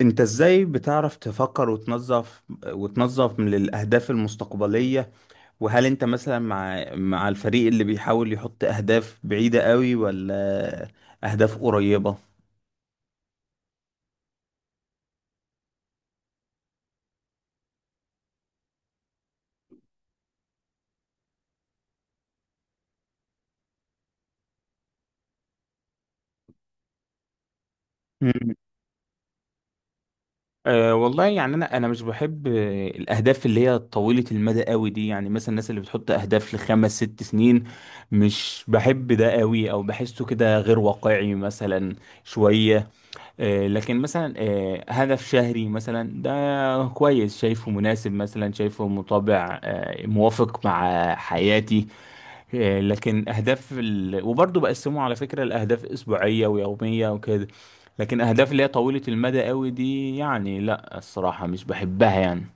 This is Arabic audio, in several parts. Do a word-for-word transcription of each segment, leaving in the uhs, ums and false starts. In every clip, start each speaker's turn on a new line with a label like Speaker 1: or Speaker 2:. Speaker 1: انت ازاي بتعرف تفكر وتنظف وتنظف من الاهداف المستقبلية؟ وهل انت مثلا مع مع الفريق اللي بيحاول يحط اهداف بعيدة قوي ولا اهداف قريبة؟ مم. أه، والله يعني انا انا مش بحب آه، الاهداف اللي هي طويله المدى قوي دي، يعني مثلا الناس اللي بتحط اهداف لخمس ست سنين، مش بحب ده قوي او بحسه كده غير واقعي مثلا شويه. آه، لكن مثلا آه، هدف شهري مثلا ده كويس، شايفه مناسب، مثلا شايفه مطابع آه، موافق مع حياتي. آه، لكن أهداف ال... وبرضه بقسمه على فكرة لأهداف أسبوعية ويومية وكده. لكن أهداف اللي هي طويلة المدى قوي دي يعني لا الصراحة مش بحبها يعني.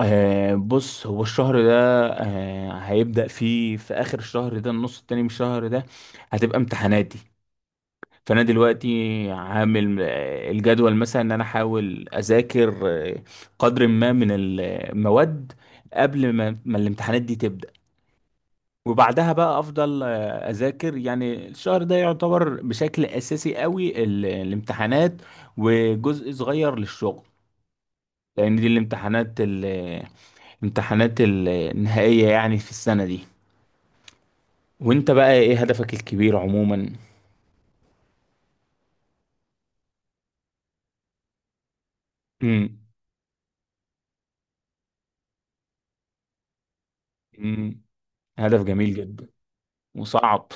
Speaker 1: آه بص، هو الشهر ده آه هيبدأ فيه في آخر الشهر ده، النص التاني من الشهر ده هتبقى امتحاناتي. فانا دلوقتي عامل آه، الجدول، مثلا ان انا احاول اذاكر آه، قدر ما من المواد قبل ما ما الامتحانات دي تبدا، وبعدها بقى افضل آه، اذاكر، يعني الشهر ده يعتبر بشكل اساسي قوي ال- الامتحانات، وجزء صغير للشغل، لان دي الامتحانات ال- الامتحانات النهائيه يعني في السنه دي. وانت بقى ايه هدفك الكبير عموما؟ امم. امم. هدف جميل جدا. وصعب.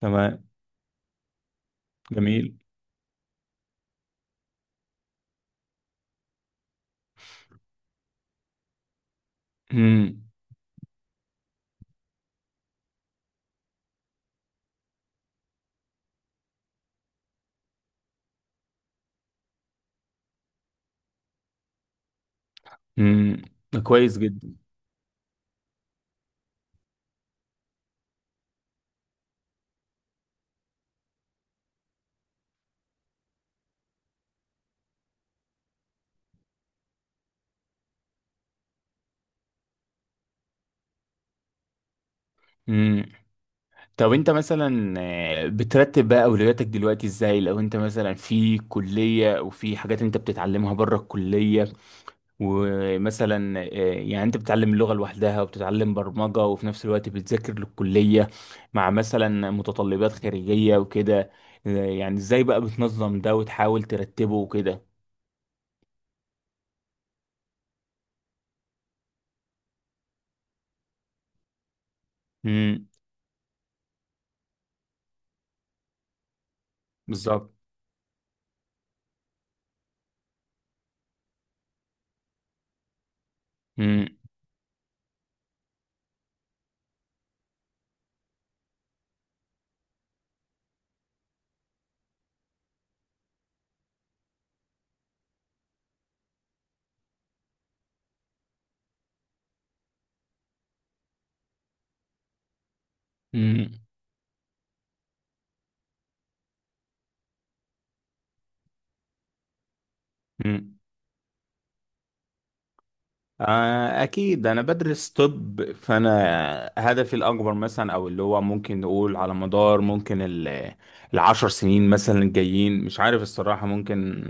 Speaker 1: تمام. جميل. امم. امم. كويس جدا. امم. طب انت مثلا آه، بترتب بقى اولوياتك دلوقتي ازاي؟ لو انت مثلا في كلية وفي حاجات انت بتتعلمها بره الكلية، ومثلا آه، يعني انت بتتعلم اللغة لوحدها وبتتعلم برمجة وفي نفس الوقت بتذاكر للكلية مع مثلا متطلبات خارجية وكده، آه، يعني ازاي بقى بتنظم ده وتحاول ترتبه وكده؟ امم. بالظبط. امم. امم. آه، أكيد أنا بدرس طب، فأنا هدفي الأكبر مثلا، أو اللي هو ممكن نقول على مدار ممكن ال- العشر سنين مثلا الجايين، مش عارف الصراحة، ممكن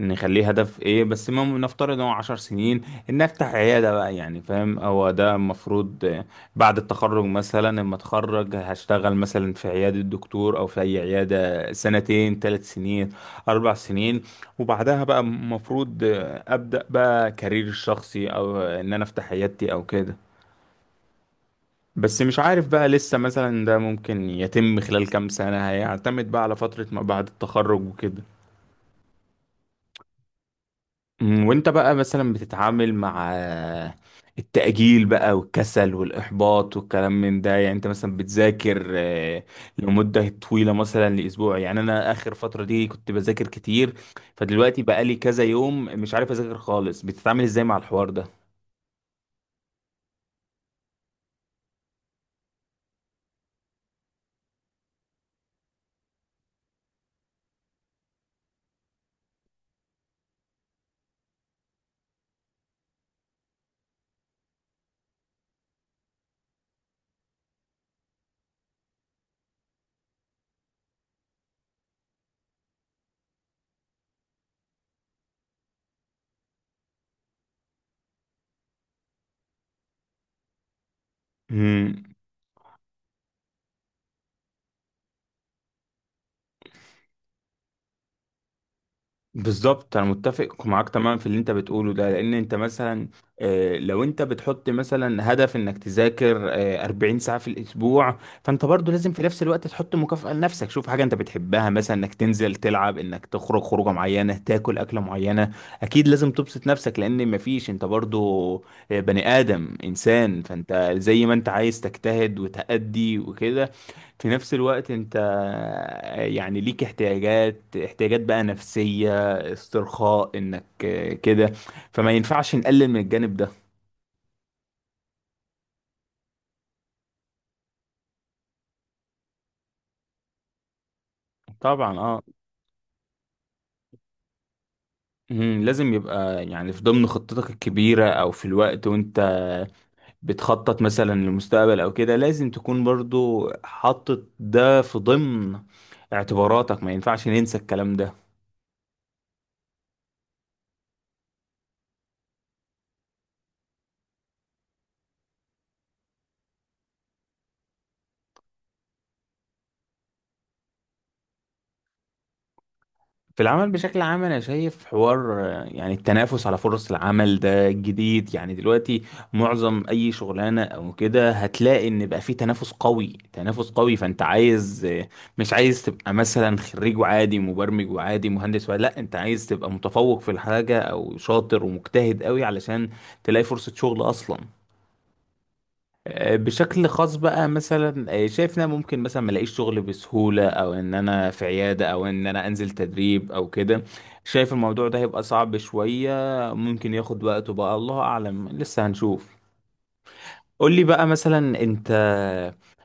Speaker 1: نخليه هدف إيه، بس المهم نفترض إن هو عشر سنين، إن أفتح عيادة بقى، يعني فاهم؟ هو ده المفروض، آه، بعد التخرج مثلا لما أتخرج هشتغل مثلا في عيادة دكتور أو في أي عيادة سنتين ثلاث سنين أربع سنين، وبعدها بقى المفروض ابدا بقى كارير شخصي او ان انا افتح عيادتي او كده. بس مش عارف بقى لسه، مثلا ده ممكن يتم خلال كام سنة، هيعتمد بقى على فترة ما بعد التخرج وكده. أمم. وانت بقى مثلا بتتعامل مع التأجيل بقى والكسل والإحباط والكلام من ده يعني، انت مثلا بتذاكر آه، لمدة طويلة مثلا لأسبوع، يعني انا آخر فترة دي كنت بذاكر كتير، فدلوقتي بقى لي كذا يوم مش عارف أذاكر خالص، بتتعامل ازاي مع الحوار ده؟ بالظبط، انا متفق معاك تماما في اللي انت بتقوله ده، لان انت مثلا آه، لو انت بتحط مثلا هدف انك تذاكر آه، أربعين ساعة في الاسبوع، فانت برضو لازم في نفس الوقت تحط مكافأة لنفسك، شوف حاجة انت بتحبها، مثلا انك تنزل تلعب، انك تخرج خروجة معينة، تاكل اكلة معينة، اكيد لازم تبسط نفسك، لان مفيش، انت برضو آه، بني ادم انسان، فانت زي ما انت عايز تجتهد وتأدي وكده، في نفس الوقت انت آه، يعني ليك احتياجات احتياجات بقى نفسية، استرخاء، انك آه، كده، فما ينفعش نقلل من الجانب ده. طبعا اه. مم، لازم يبقى يعني في ضمن خطتك الكبيرة او في الوقت وانت بتخطط مثلا للمستقبل او كده، لازم تكون برضو حاطط ده في ضمن اعتباراتك، ما ينفعش ننسى الكلام ده. في العمل بشكل عام، انا شايف حوار آه، يعني التنافس على فرص العمل ده جديد يعني دلوقتي، معظم اي شغلانه او كده هتلاقي ان بقى في تنافس قوي، تنافس قوي، فانت عايز آه، مش عايز تبقى مثلا خريج وعادي، مبرمج وعادي، مهندس، ولا لا، انت عايز تبقى متفوق في الحاجه، او شاطر ومجتهد قوي علشان تلاقي فرصه شغل اصلا. آه، بشكل خاص بقى مثلا آه، شايف ان انا ممكن مثلا ما الاقيش شغل بسهوله، او ان انا في عياده، او ان انا انزل تدريب او كده، شايف الموضوع ده هيبقى صعب شويه، ممكن ياخد وقته بقى، الله اعلم، لسه هنشوف. قول لي بقى مثلا، انت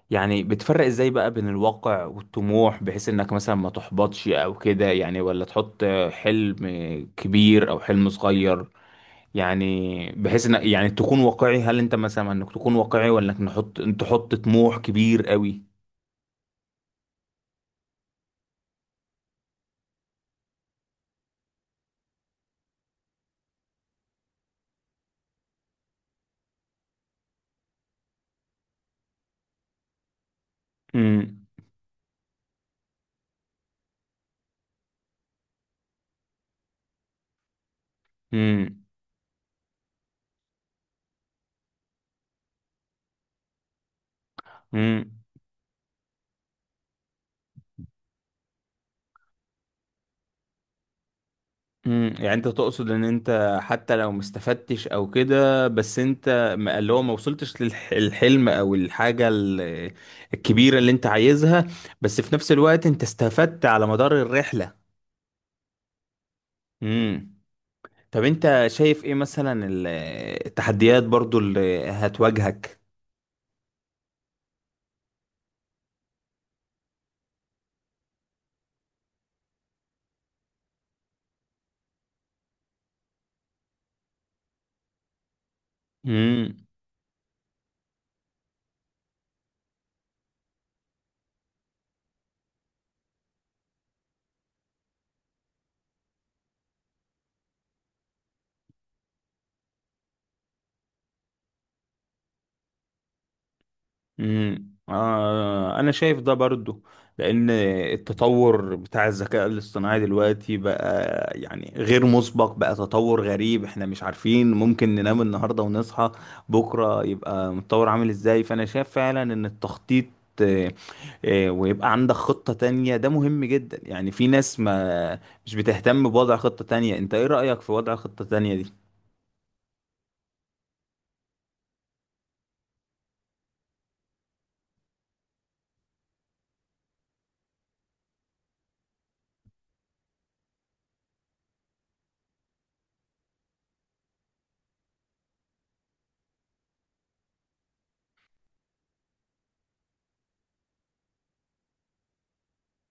Speaker 1: يعني بتفرق ازاي بقى بين الواقع والطموح بحيث انك مثلا ما تحبطش او كده، يعني ولا تحط حلم كبير او حلم صغير، يعني بحيث ان يعني تكون واقعي؟ هل انت مثلا انك تكون واقعي ولا انك نحط تحط طموح كبير قوي؟ امم. امم. امم. امم. يعني انت تقصد ان انت حتى لو ما استفدتش او كده، بس انت ما- اللي هو ما وصلتش للحلم او الحاجة ال- الكبيرة اللي انت عايزها، بس في نفس الوقت انت استفدت على مدار الرحلة. امم. طب انت شايف ايه مثلا ال- التحديات برضو اللي هتواجهك؟ امم. آه انا شايف ده برضو، لان التطور بتاع الذكاء الاصطناعي دلوقتي بقى يعني غير مسبق بقى، تطور غريب، احنا مش عارفين، ممكن ننام النهارده ونصحى بكره يبقى متطور عامل ازاي، فانا شايف فعلا ان التخطيط آه، آه، ويبقى عندك خطة تانية ده مهم جدا، يعني في ناس ما مش بتهتم بوضع خطة تانية، انت ايه رأيك في وضع خطة تانية دي؟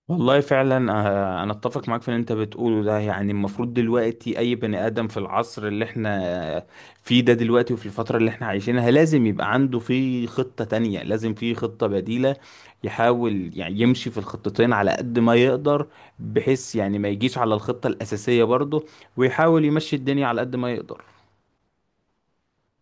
Speaker 1: والله فعلا آه، انا اتفق معاك في اللي انت بتقوله ده، يعني المفروض دلوقتي اي بني ادم في العصر اللي احنا فيه ده دلوقتي وفي الفترة اللي احنا عايشينها لازم يبقى عنده في خطة تانية، لازم في خطة بديلة، يحاول يعني يمشي في الخطتين على قد ما يقدر، بحيث يعني ما يجيش على الخطة الأساسية برضه، ويحاول يمشي الدنيا على قد ما يقدر.